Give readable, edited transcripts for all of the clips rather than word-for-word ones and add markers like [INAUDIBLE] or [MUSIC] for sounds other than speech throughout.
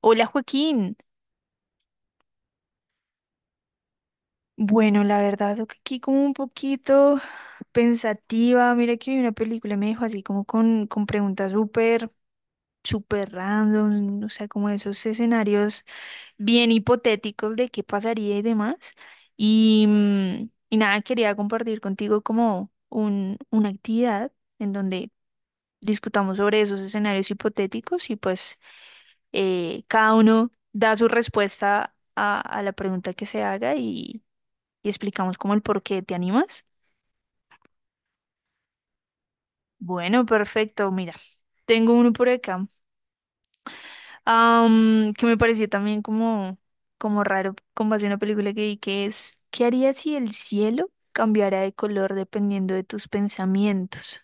Hola Joaquín. Bueno, la verdad, lo que aquí como un poquito pensativa. Mira que vi una película y me dejó así como con preguntas súper, súper random, o sea, como esos escenarios bien hipotéticos de qué pasaría y demás. Y nada, quería compartir contigo como una actividad en donde discutamos sobre esos escenarios hipotéticos y pues cada uno da su respuesta a la pregunta que se haga y explicamos como el por qué. ¿Te animas? Bueno, perfecto. Mira, tengo uno por acá que me pareció también como raro con base a una película que vi que es, ¿qué harías si el cielo cambiara de color dependiendo de tus pensamientos?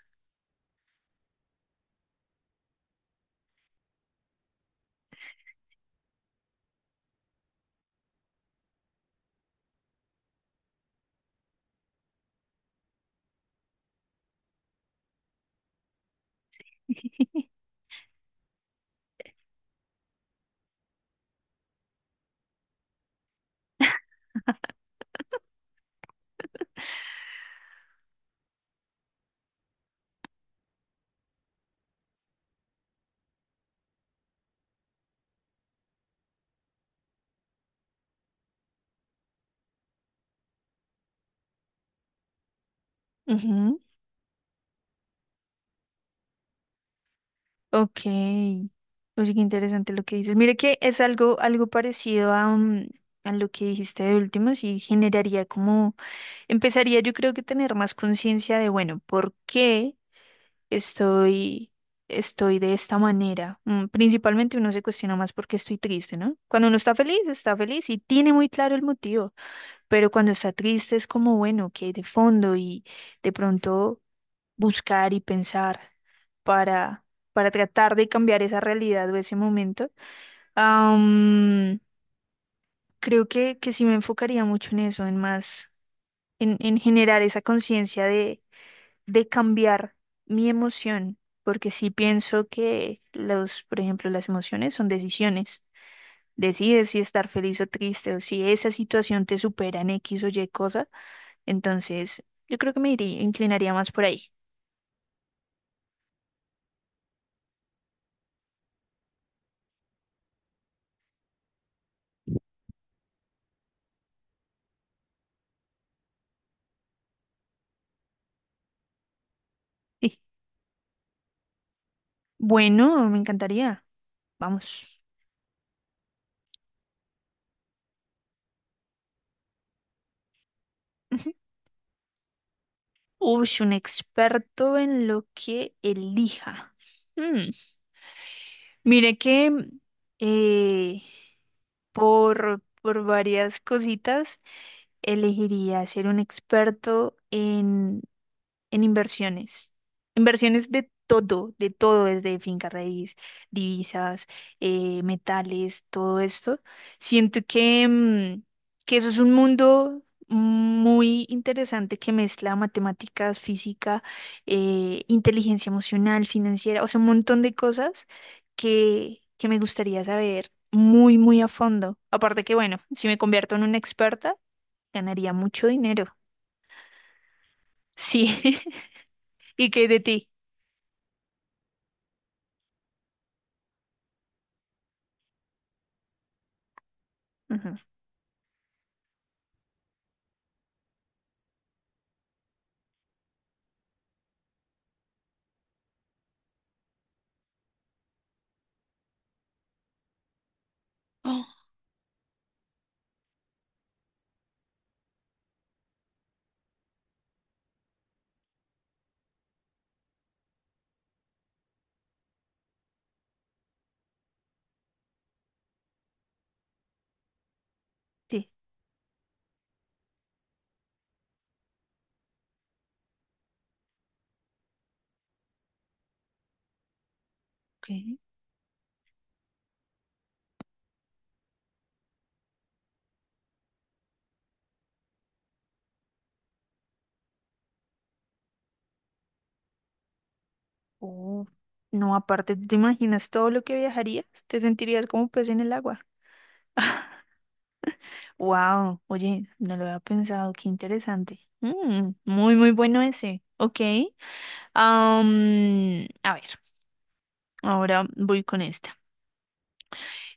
Ujú. Ok. Oye, qué interesante lo que dices. Mira que es algo parecido a lo que dijiste de último, sí generaría como, empezaría yo creo que tener más conciencia de, bueno, ¿por qué estoy, estoy de esta manera? Principalmente uno se cuestiona más porque estoy triste, ¿no? Cuando uno está feliz y tiene muy claro el motivo, pero cuando está triste es como, bueno, que hay de fondo y de pronto buscar y pensar para, para tratar de cambiar esa realidad o ese momento. Am, creo que sí me enfocaría mucho en eso, en más, en generar esa conciencia de cambiar mi emoción, porque sí pienso que los, por ejemplo, las emociones son decisiones. Decides si estar feliz o triste o si esa situación te supera en X o Y cosa, entonces yo creo que me iría, inclinaría más por ahí. [LAUGHS] Bueno, me encantaría. Vamos. Ujú. [LAUGHS] Uy, un experto en lo que elija. Mm, Mire que eh, por varias cositas. Elegiría ser un experto en inversiones. Inversiones de todo, desde finca raíz, divisas, metales, todo esto. Siento que eso es un mundo muy interesante que mezcla matemáticas, física, inteligencia emocional, financiera, o sea, un montón de cosas que me gustaría saber muy, muy a fondo. Aparte que, bueno, si me convierto en una experta, ganaría mucho dinero. Sí. [LAUGHS] ¿Y qué de ti? Ujú. Oh, sí. Ok. Oh, no, aparte, ¿tú ¿te imaginas todo lo que viajarías? Te sentirías como pez en el agua. [LAUGHS] Wow, oye, no lo había pensado, qué interesante. Muy, muy bueno ese. Ok. A ver, ahora voy con esta.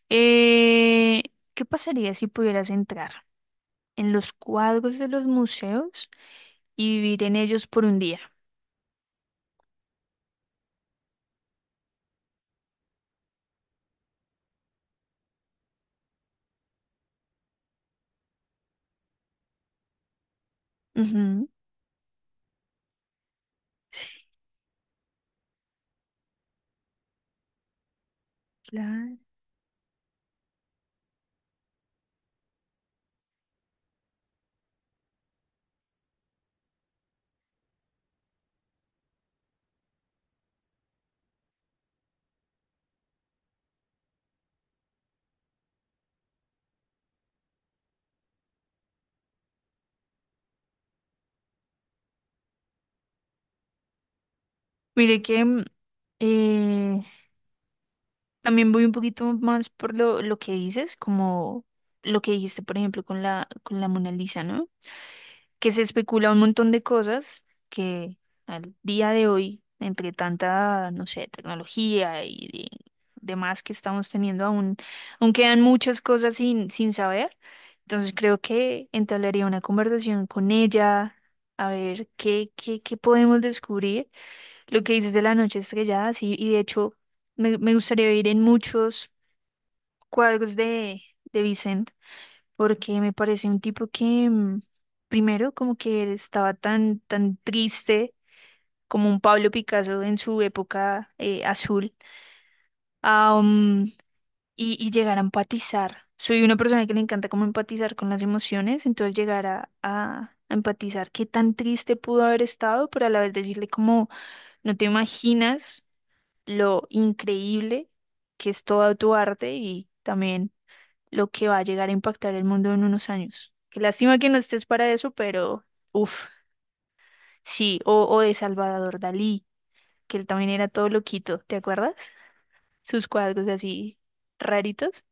Eh, ¿qué pasaría si pudieras entrar en los cuadros de los museos y vivir en ellos por un día? Ujú. Claro. Mire que eh, también voy un poquito más por lo que dices, como lo que dijiste, por ejemplo, con la Mona Lisa, ¿no? Que se especula un montón de cosas que al día de hoy, entre tanta, no sé, tecnología y demás que estamos teniendo, aún quedan muchas cosas sin saber. Entonces creo que entablaría una conversación con ella, a ver qué podemos descubrir lo que dices de la noche estrellada, sí, y de hecho me gustaría ver en muchos cuadros de Vicent, porque me parece un tipo que, mm, primero, como que él estaba tan, tan triste como un Pablo Picasso en su época azul, ah, mm, y llegar a empatizar. Soy una persona que le encanta como empatizar con las emociones, entonces llegar a empatizar qué tan triste pudo haber estado, pero a la vez decirle como, no te imaginas lo increíble que es todo tu arte y también lo que va a llegar a impactar el mundo en unos años. Qué lástima que no estés para eso, pero uff, sí, o de Salvador Dalí, que él también era todo loquito, ¿te acuerdas? Sus cuadros así raritos.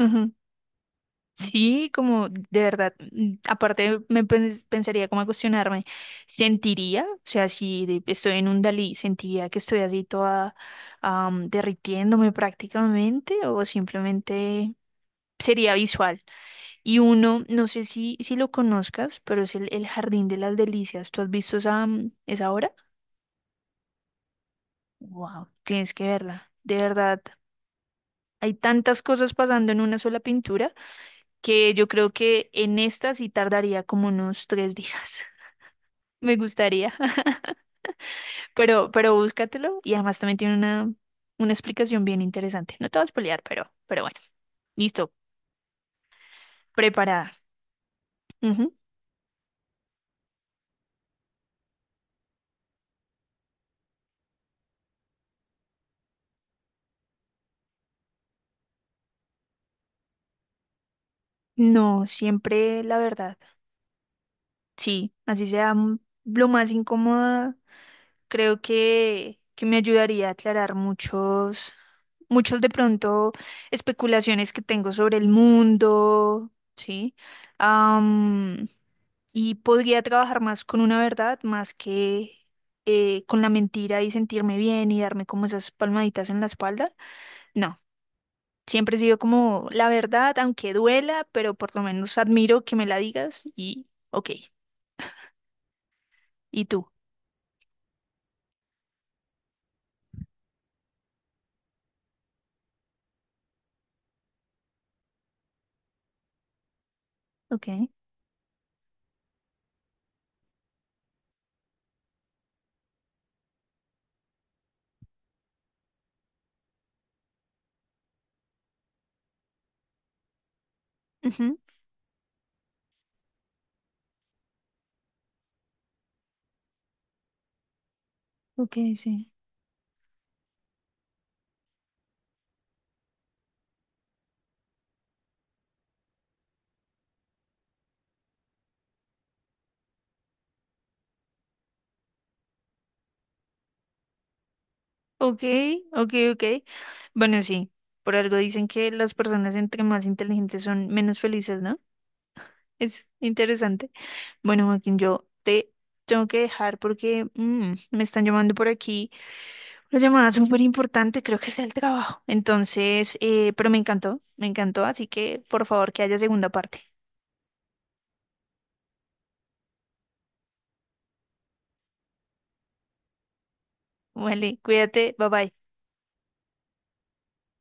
Ujú. Sí, como de verdad, aparte me pensaría como a cuestionarme, ¿sentiría? O sea, si estoy en un Dalí, ¿sentiría que estoy así toda derritiéndome prácticamente o simplemente sería visual? Y uno, no sé si lo conozcas, pero es el Jardín de las Delicias. ¿Tú has visto esa obra? Wow, tienes que verla, de verdad. Hay tantas cosas pasando en una sola pintura que yo creo que en esta sí tardaría como unos 3 días. Me gustaría, [LAUGHS] pero búscatelo y además también tiene una explicación bien interesante. No te vas a pelear, pero bueno, listo, preparada. Ujú. No, siempre la verdad. Sí, así sea lo más incómoda, creo que me ayudaría a aclarar muchos, muchos de pronto especulaciones que tengo sobre el mundo, ¿sí? Y podría trabajar más con una verdad, más que con la mentira y sentirme bien y darme como esas palmaditas en la espalda. No, siempre he sido como la verdad, aunque duela, pero por lo menos admiro que me la digas y ok. ¿Y tú? Ok. Ujú. Ok, sí. Ok, ok, ok. Bueno, sí, por algo dicen que las personas entre más inteligentes son menos felices, ¿no? Es interesante. Bueno, Joaquín, yo te tengo que dejar porque me están llamando por aquí. Una llamada súper importante, creo que es el trabajo. Entonces, pero me encantó, así que por favor que haya segunda parte. Vale, cuídate, bye bye.